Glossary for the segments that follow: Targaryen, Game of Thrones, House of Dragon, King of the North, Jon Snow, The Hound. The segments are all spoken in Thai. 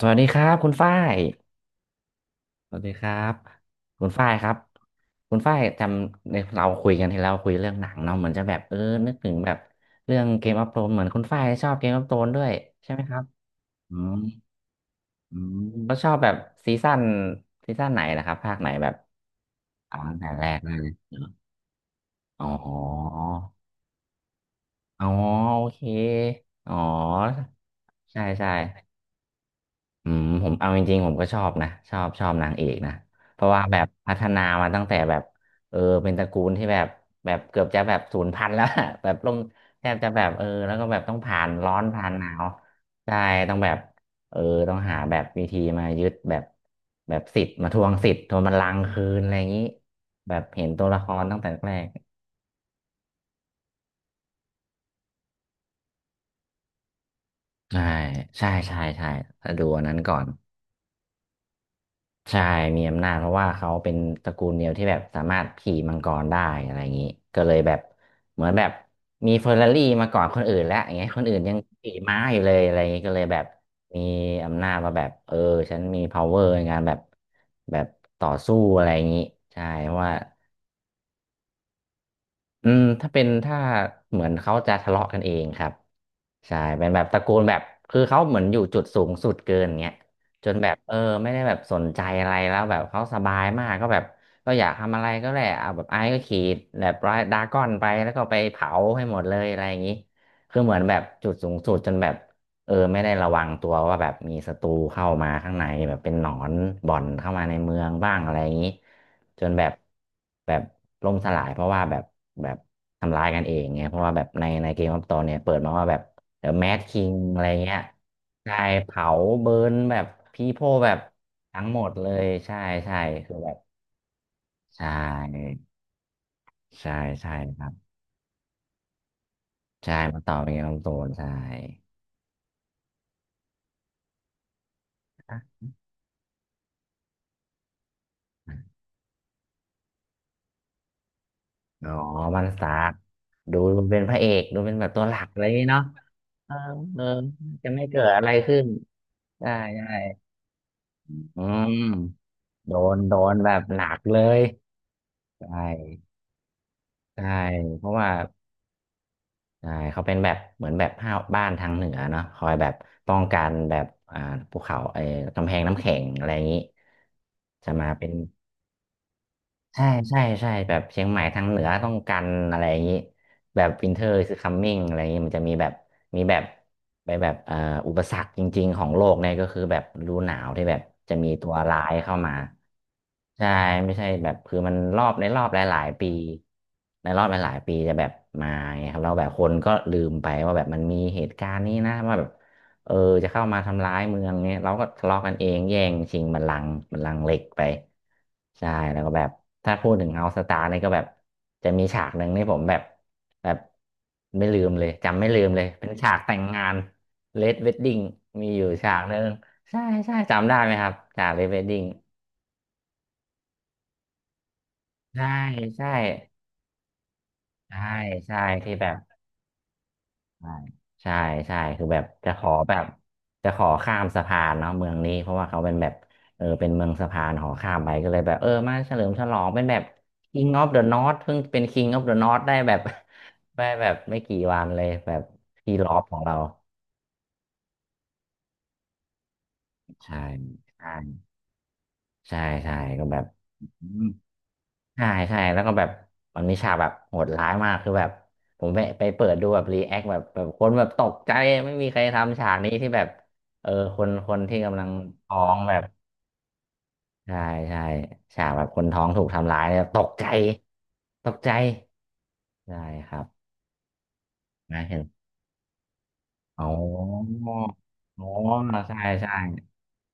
สวัสดีครับคุณฝ้ายสวัสดีครับคุณฝ้ายครับคุณฝ้ายจำในเราคุยกันที่เราคุยเรื่องหนังเนาะเหมือนจะแบบนึกถึงแบบเรื่องเกมออฟโธรนเหมือนคุณฝ้ายชอบเกมออฟโธรนด้วยใช่ไหมครับอืมอืมแล้วชอบแบบซีซั่นซีซั่นไหนนะครับภาคไหนแบบอ๋อตั้งแต่แรกเลยอ๋ออ๋อโอเคอ๋อใช่ใช่ อืมผมเอาจริงๆผมก็ชอบนะชอบชอบนางเอกนะเพราะว่าแบบพัฒนามาตั้งแต่แบบเป็นตระกูลที่แบบเกือบจะแบบศูนย์พันธุ์แล้ว อะแบบลงแทบจะแบบแล้วก็แบบต้องผ่านร้อนผ่านหนาวใช่ต้องแบบเออต้องหาแบบวิธีมายึดแบบสิทธิ์มาทวงสิทธิ์ทวงบัลลังก์คืนอะไรอย่างนี้แบบเห็นตัวละครตั้งแต่แรกใช่ใช่ใช่ใช่ถ้าดูอันนั้นก่อน ใช่ มีอำนาจเพราะว่าเขาเป็นตระกูลเดียวที่แบบสามารถขี่มังกรได้อะไรอย่างนี้ก็เลยแบบเหมือนแบบมีเฟอร์รารี่มาก่อนคนอื่นแล้วอย่างเงี้ยคนอื่นยังขี่ม้าอยู่เลยอะไรอย่างนี้ก็เลยแบบมีอำนาจมาแบบฉันมี power ในการแบบต่อสู้อะไรอย่างนี้ใช่เพราะว่า อืมถ้าเป็นถ้าเหมือนเขาจะทะเลาะกันเองครับใช่เป็นแบบตระกูลแบบคือเขาเหมือนอยู่จุดสูงสุดเกินเงี้ยจนแบบไม่ได้แบบสนใจอะไรแล้วแบบเขาสบายมากก็แบบก็อยากทำอะไรก็แหละเอาแบบไอ้ก็ขี่แบบดราก้อนไปแล้วก็ไปเผาให้หมดเลยอะไรอย่างนี้คือเหมือนแบบจุดสูงสุดจนแบบ ไม่ได้ระวังตัวว่าแบบมีศัตรูเข้ามาข้างในแบบเป็นหนอนบ่อนเข้ามาในเมืองบ้างอะไรอย่างนี้จนแบบแบบล่มสลายเพราะว่าแบบแบบทำร้ายกันเองไงเพราะว่าแบบในเกมออฟตอนเนี่ยเปิดมาว่าแบบเดี๋ยวแมดคิงอะไรเงี้ยใช่เผาเบิร์นแบบพีโพแบบทั้งหมดเลยใช่ใช่คือแบบใช่ใช่ใช่ครับใช่มาต่อเป็นเกมออฟโตนใช่ อ๋อมันสตาร์คดูเป็นพระเอกดูเป็นแบบตัวหลักอะไรอย่างงี้เนาะเอออจะไม่เกิดอะไรขึ้นได้ได้อืมโดนโดนแบบหนักเลยใช่ใช่เพราะว่าใช่เขาเป็นแบบเหมือนแบบห้าวบ้านทางเหนือเนาะคอยแบบป้องกันแบบอ่าภูเขาไอ้กำแพงน้ำแข็งอะไรอย่างงี้จะมาเป็น ใช่ใช่ใช่แบบเชียงใหม่ทางเหนือต้องกันอะไรอย่างนี้แบบวินเทอร์คือคัมมิ่งอะไรอย่างนี้มันจะมีแบบมีแบบไปแบบอุปสรรคจริงๆของโลกเนี่ยก็คือแบบฤดูหนาวที่แบบจะมีตัวร้ายเข้ามาใช่ไม่ใช่แบบคือมันรอบในรอบหลายๆปีในรอบหลายๆปีจะแบบมาไงครับแล้วแบบคนก็ลืมไปว่าแบบมันมีเหตุการณ์นี้นะว่าแบบ เออจะเข้ามาทำร้ายเมืองเนี่ยเราก็ทะเลาะกันเองแย่งชิงบัลลังก์บัลลังก์เหล็กไปใช่แล้วก็แบบถ้าพูดถึงเฮาสตาร์นี่ก็แบบจะมีฉากหนึ่งนี่ผมแบบแบบไม่ลืมเลยจำไม่ลืมเลยเป็นฉากแต่งงานเลดเวดดิ้งมีอยู่ฉากหนึ่งใช่ใช่จำได้ไหมครับฉากเลดเวดดิ้งใช่ใช่ใช่ใช่ที่แบบ ใช่ใช่ใช่คือแบบจะขอแบบจะขอข้ามสะพานเนาะเมืองนี้เพราะว่าเขาเป็นแบบเป็นเมืองสะพานขอข้ามไปก็เลยแบบมาเฉลิมฉลองเป็นแบบ King of the North เพิ่งเป็น King of the North ได้แบบ ได้แบบไม่กี่วันเลยแบบที่รอบของเราใช่ใช่ใช่ใช่ก็แบบ ใช่ใช่แล้วก็แบบมันมีฉากแบบโหดร้ายมากคือแบบผมไปไปเปิดดูแบบรีแอคแบบแบบคนแบบตกใจไม่มีใครทำฉากนี้ที่แบบเออคนคนที่กำลังท้องแบบใช่ใช่ฉากแบบคนท้องถูกทำร้ายเนี่ยตกใจตกใจใช่ครับนะเห็นอ๋ออ๋อใช่ใช่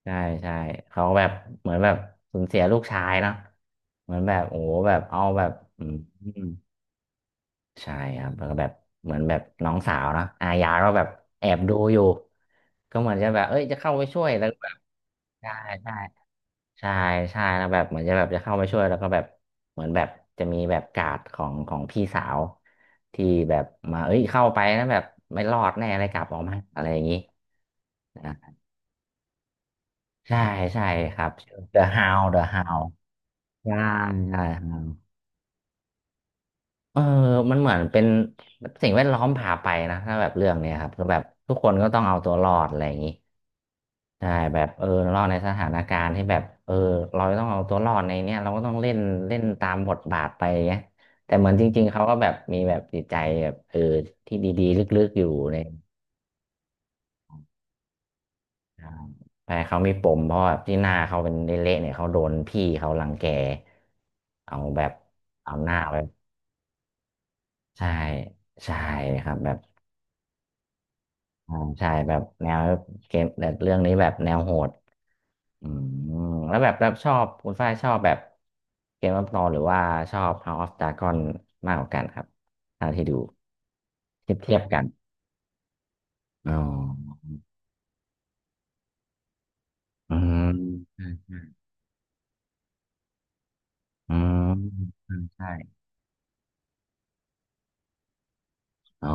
ใช่ใช่เขาแบบเหมือนแบบสูญเสียลูกชายเนาะเหมือนแบบโอ้โหแบบเอาแบบอืม ใช่ครับแล้วก็แบบเหมือนแบบน้องสาวเนอะอายาก็แบบแอบดูอยู่ก็เหมือนจะแบบเอ้ยจะเข้าไปช่วยแล้วก็แบบใช่ใช่ใช่ใช่แล้วแบบเหมือนจะแบบจะเข้าไปช่วยแล้วก็แบบเหมือนแบบจะมีแบบการ์ดของพี่สาวที่แบบมาเอ้ยเข้าไปแล้วแบบไม่รอดแน่อะไรกลับออกมาอะไรอย่างนี้นะใช่ใช่ครับชื่อ The Hound ใช่ใช่ครับเออมันเหมือนเป็นสิ่งแวดล้อมพาไปนะถ้าแบบเรื่องเนี้ยครับคือแบบทุกคนก็ต้องเอาตัวรอดอะไรอย่างนี้ ใช่แบบเออรอดในสถานการณ์ที่แบบเออเราต้องเอาตัวรอดในเนี้ยเราก็ต้องเล่นเล่นตามบทบาทไปเงี้ยแต่เหมือนจริงๆเขาก็แบบมีแบบจิตใจแบบเออที่ดีๆลึกๆอยู่ในอ่าใช่เขามีปมเพราะแบบที่หน้าเขาเป็นเละๆเนี่ยเขาโดนพี่เขารังแกเอาแบบเอาหน้าไปใช่ใช่ครับแบบอ่าใช่แบบแนวเกมแบบเรื่องนี้แบบแนวโหด อืมแล้วแบบชอบคุณฝ้ายชอบแบบเกมอัฟโอรนหรือว่าชอบ House of Dragon มากกว่ากันครับเท่าที่ดูเทียบกันอ๋ออืมใช่ใช่อืมอืมใช่อ๋อ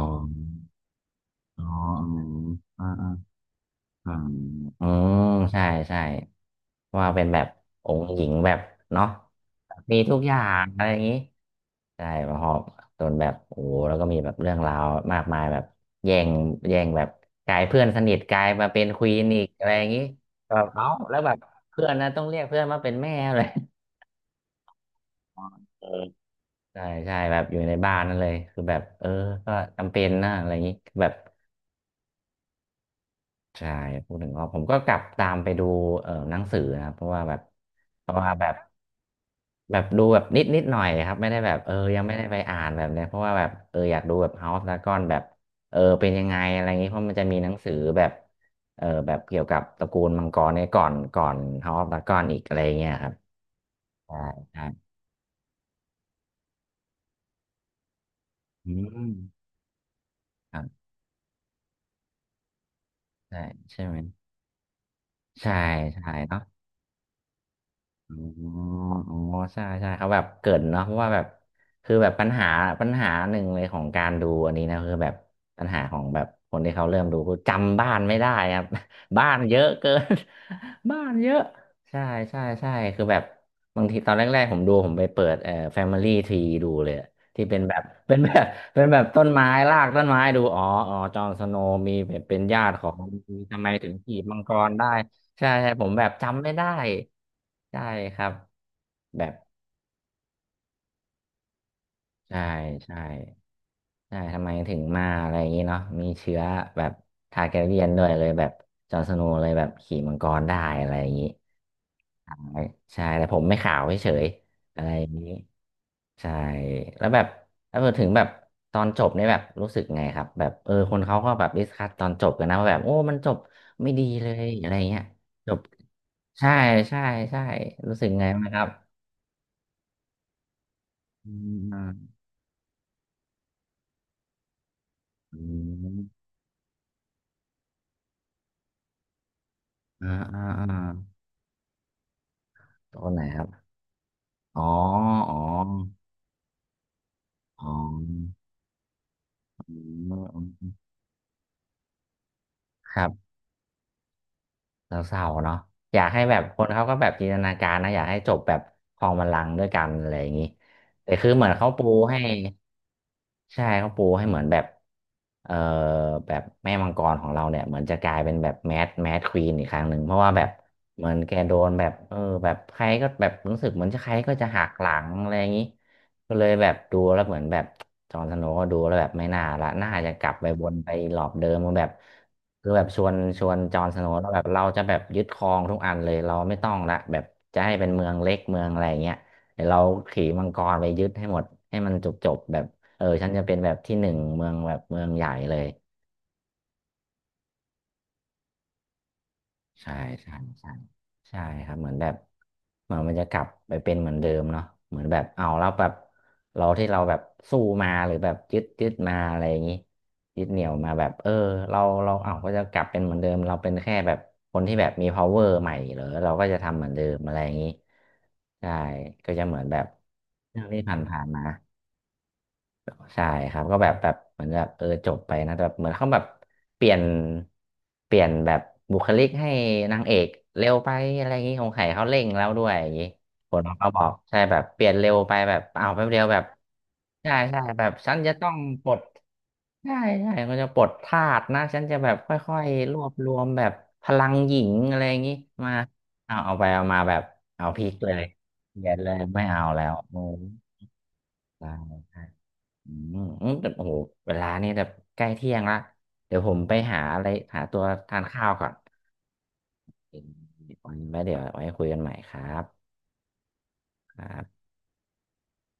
อ๋ออืมอ่าอ่าอืมอืมใช่ใช่ ว่าเป็นแบบองค์หญิงแบบเนาะมีทุกอย่างอะไรอย่างนี้ใช่พอจนแบบโอ้โหแล้วก็มีแบบเรื่องราวมากมายแบบแย่งแย่งแบบกลายเพื่อนสนิทกลายมาเป็นควีนอีกอะไรอย่างนี้แบบเอ้าแล้วแบบเพื่อนนะต้องเรียกเพื่อนมาเป็นแม่เลย ใช่ใช่แบบอยู่ในบ้านนั่นเลยคือแบบเออก็จำเป็นนะอะไรอย่างนี้แบบ ใช่พูดถึงก็ผมก็กลับตามไปดูหนังสือนะครับเพราะว่าแบบเพราะว่าแบบแบบดูแบบนิดหน่อยครับไม่ได้แบบเออยังไม่ได้ไปอ่านแบบเนี้ยเพราะว่าแบบเอออยากดูแบบ House of Dragon แบบเออเป็นยังไงอะไรอย่างงี้เพราะมันจะมีหนังสือแบบเออแบบเกี่ยวกับตระกูลมังกรเนี่ยก่อน House of Dragon อีกอะไรอย่างเงี้ยครับใช่ใช่อืมครับใช่ใช่ไหมใช่ใช่เนาะ อ๋ออ๋อใช่ใช่เขาแบบเกรินเนาะเพราะว่าแบบคือแบบปัญหาปัญหาหนึ่งเลยของการดูอันนี้นะคือแบบปัญหาของแบบคนที่เขาเริ่มดูคือจำบ้านไม่ได้ครับ บ้านเยอะเกิน บ้านเยอะใช่ใช่ใช่คือแบบบางทีตอนแรกๆผมดูผมไปเปิดFamily Tree ดูเลยอะที่เป็นแบบ เป็นแบบเป็นแบบต้นไม้รากต้นไม้ดูอ๋ออ๋อจอห์นสโนว์มีแบบเป็นญาติของทำไมถึงขีดมังกรได้ ใช่ใช่ผมแบบจำไม่ได้ใช่ครับแบบใช่ใช่ ใช่ทำไมถึงมาอะไรอย่างนี้เนาะมีเชื้อแบบทาร์แกเรียนด้วยเลยแบบจอห์นสโนว์เลยแบบขี่มังกรได้อะไรอย่างนี้ใช่แต่ผมไม่ขาวเฉยๆอะไรอย่างนี้ใช่แล้วแบบแล้วพอถึงแบบตอนจบเนี่ยแบบรู้สึกไงครับแบบเออคนเขาก็แบบดิสคัสตอนจบกันนะว่าแบบโอ้มันจบไม่ดีเลยอะไรเงี้ยจบใช่ใช่ใช่รู้สึกไงไหมครับอืมอืมอ่าอ่าอ่าตัวไหนครับ อ๋ออ๋ออ๋ออืมครับแล้วเศร้าเนาะอยากให้แบบคนเขาก็แบบจินตนาการนะอยากให้จบแบบคลองบัลลังก์ด้วยกันอะไรอย่างนี้แต่คือเหมือนเขาปูให้ใช่เขาปูให้เหมือนแบบเอ่อแบบแม่มังกรของเราเนี่ยเหมือนจะกลายเป็นแบบแมดควีนอีกครั้งหนึ่งเพราะว่าแบบเหมือนแกโดนแบบเออแบบใครก็แบบรู้สึกเหมือนจะใครก็จะหักหลังอะไรอย่างนี้ ก็เลยแบบดูแล้วเหมือนแบบจอห์นสโนว์ก็ดูแล้วแบบไม่น่าละน่าจะกลับไปวนไปหลอบเดิมมาแบบคือแบบชวนจอห์นสโนว์แล้วแบบเราจะแบบยึดครองทุกอันเลยเราไม่ต้องละแบบจะให้เป็นเมืองเล็กเมืองอะไรอย่างเงี้ยเดี๋ยวเราขี่มังกรไปยึดให้หมดให้มันจบจบแบบเออฉันจะเป็นแบบที่หนึ่งเมืองแบบเมืองใหญ่เลย ใช่ใช่ใช่ใช่ครับเหมือนแบบเหมือนมันจะกลับไปเป็นเหมือนเดิมเนาะเหมือนแบบเอาแล้วแบบเราที่เราแบบสู้มาหรือแบบยึดมาอะไรอย่างนี้ยึดเหนี่ยวมาแบบเออเราเอาก็จะกลับเป็นเหมือนเดิมเราเป็นแค่แบบคนที่แบบมี power ใหม่เหรอเราก็จะทำเหมือนเดิมอะไรอย่างนี้ใช่ก็จะเหมือนแบบเรื่องที่ผ่านๆมา ใช่ครับก็แบบแบบเหมือนแบบเออจบไปนะแต่แบบเหมือนเขาแบบเปลี่ยนเปลี่ยนแบบบุคลิกให้นางเอกเร็วไปอะไรอย่างนี้ของไข่เขาเร่งแล้วด้วยอย่างนี้คนเขาก็บอกใช่แบบเปลี่ยนเร็วไปแบบเอาวแป๊บเดียวแบบใช่ใช่แบบฉันจะต้องปลดใช่ใช่ก็จะปลดทาสนะฉันจะแบบค่อยๆรวบรวมแบบพลังหญิงอะไรอย่างนี้มาเอาไปเอามาแบบเอาพลิกเลยเปลี่ยนเลยไม่เอาแล้วโอ้ใช่ อืมอืมแต่โอ้โหเวลานี่แบบใกล้เที่ยงละเดี๋ยวผมไปหาอะไรหาตัวทานข้าวก่อนไว้เดี๋ยวไว้คุยกันใหม่ครับครับ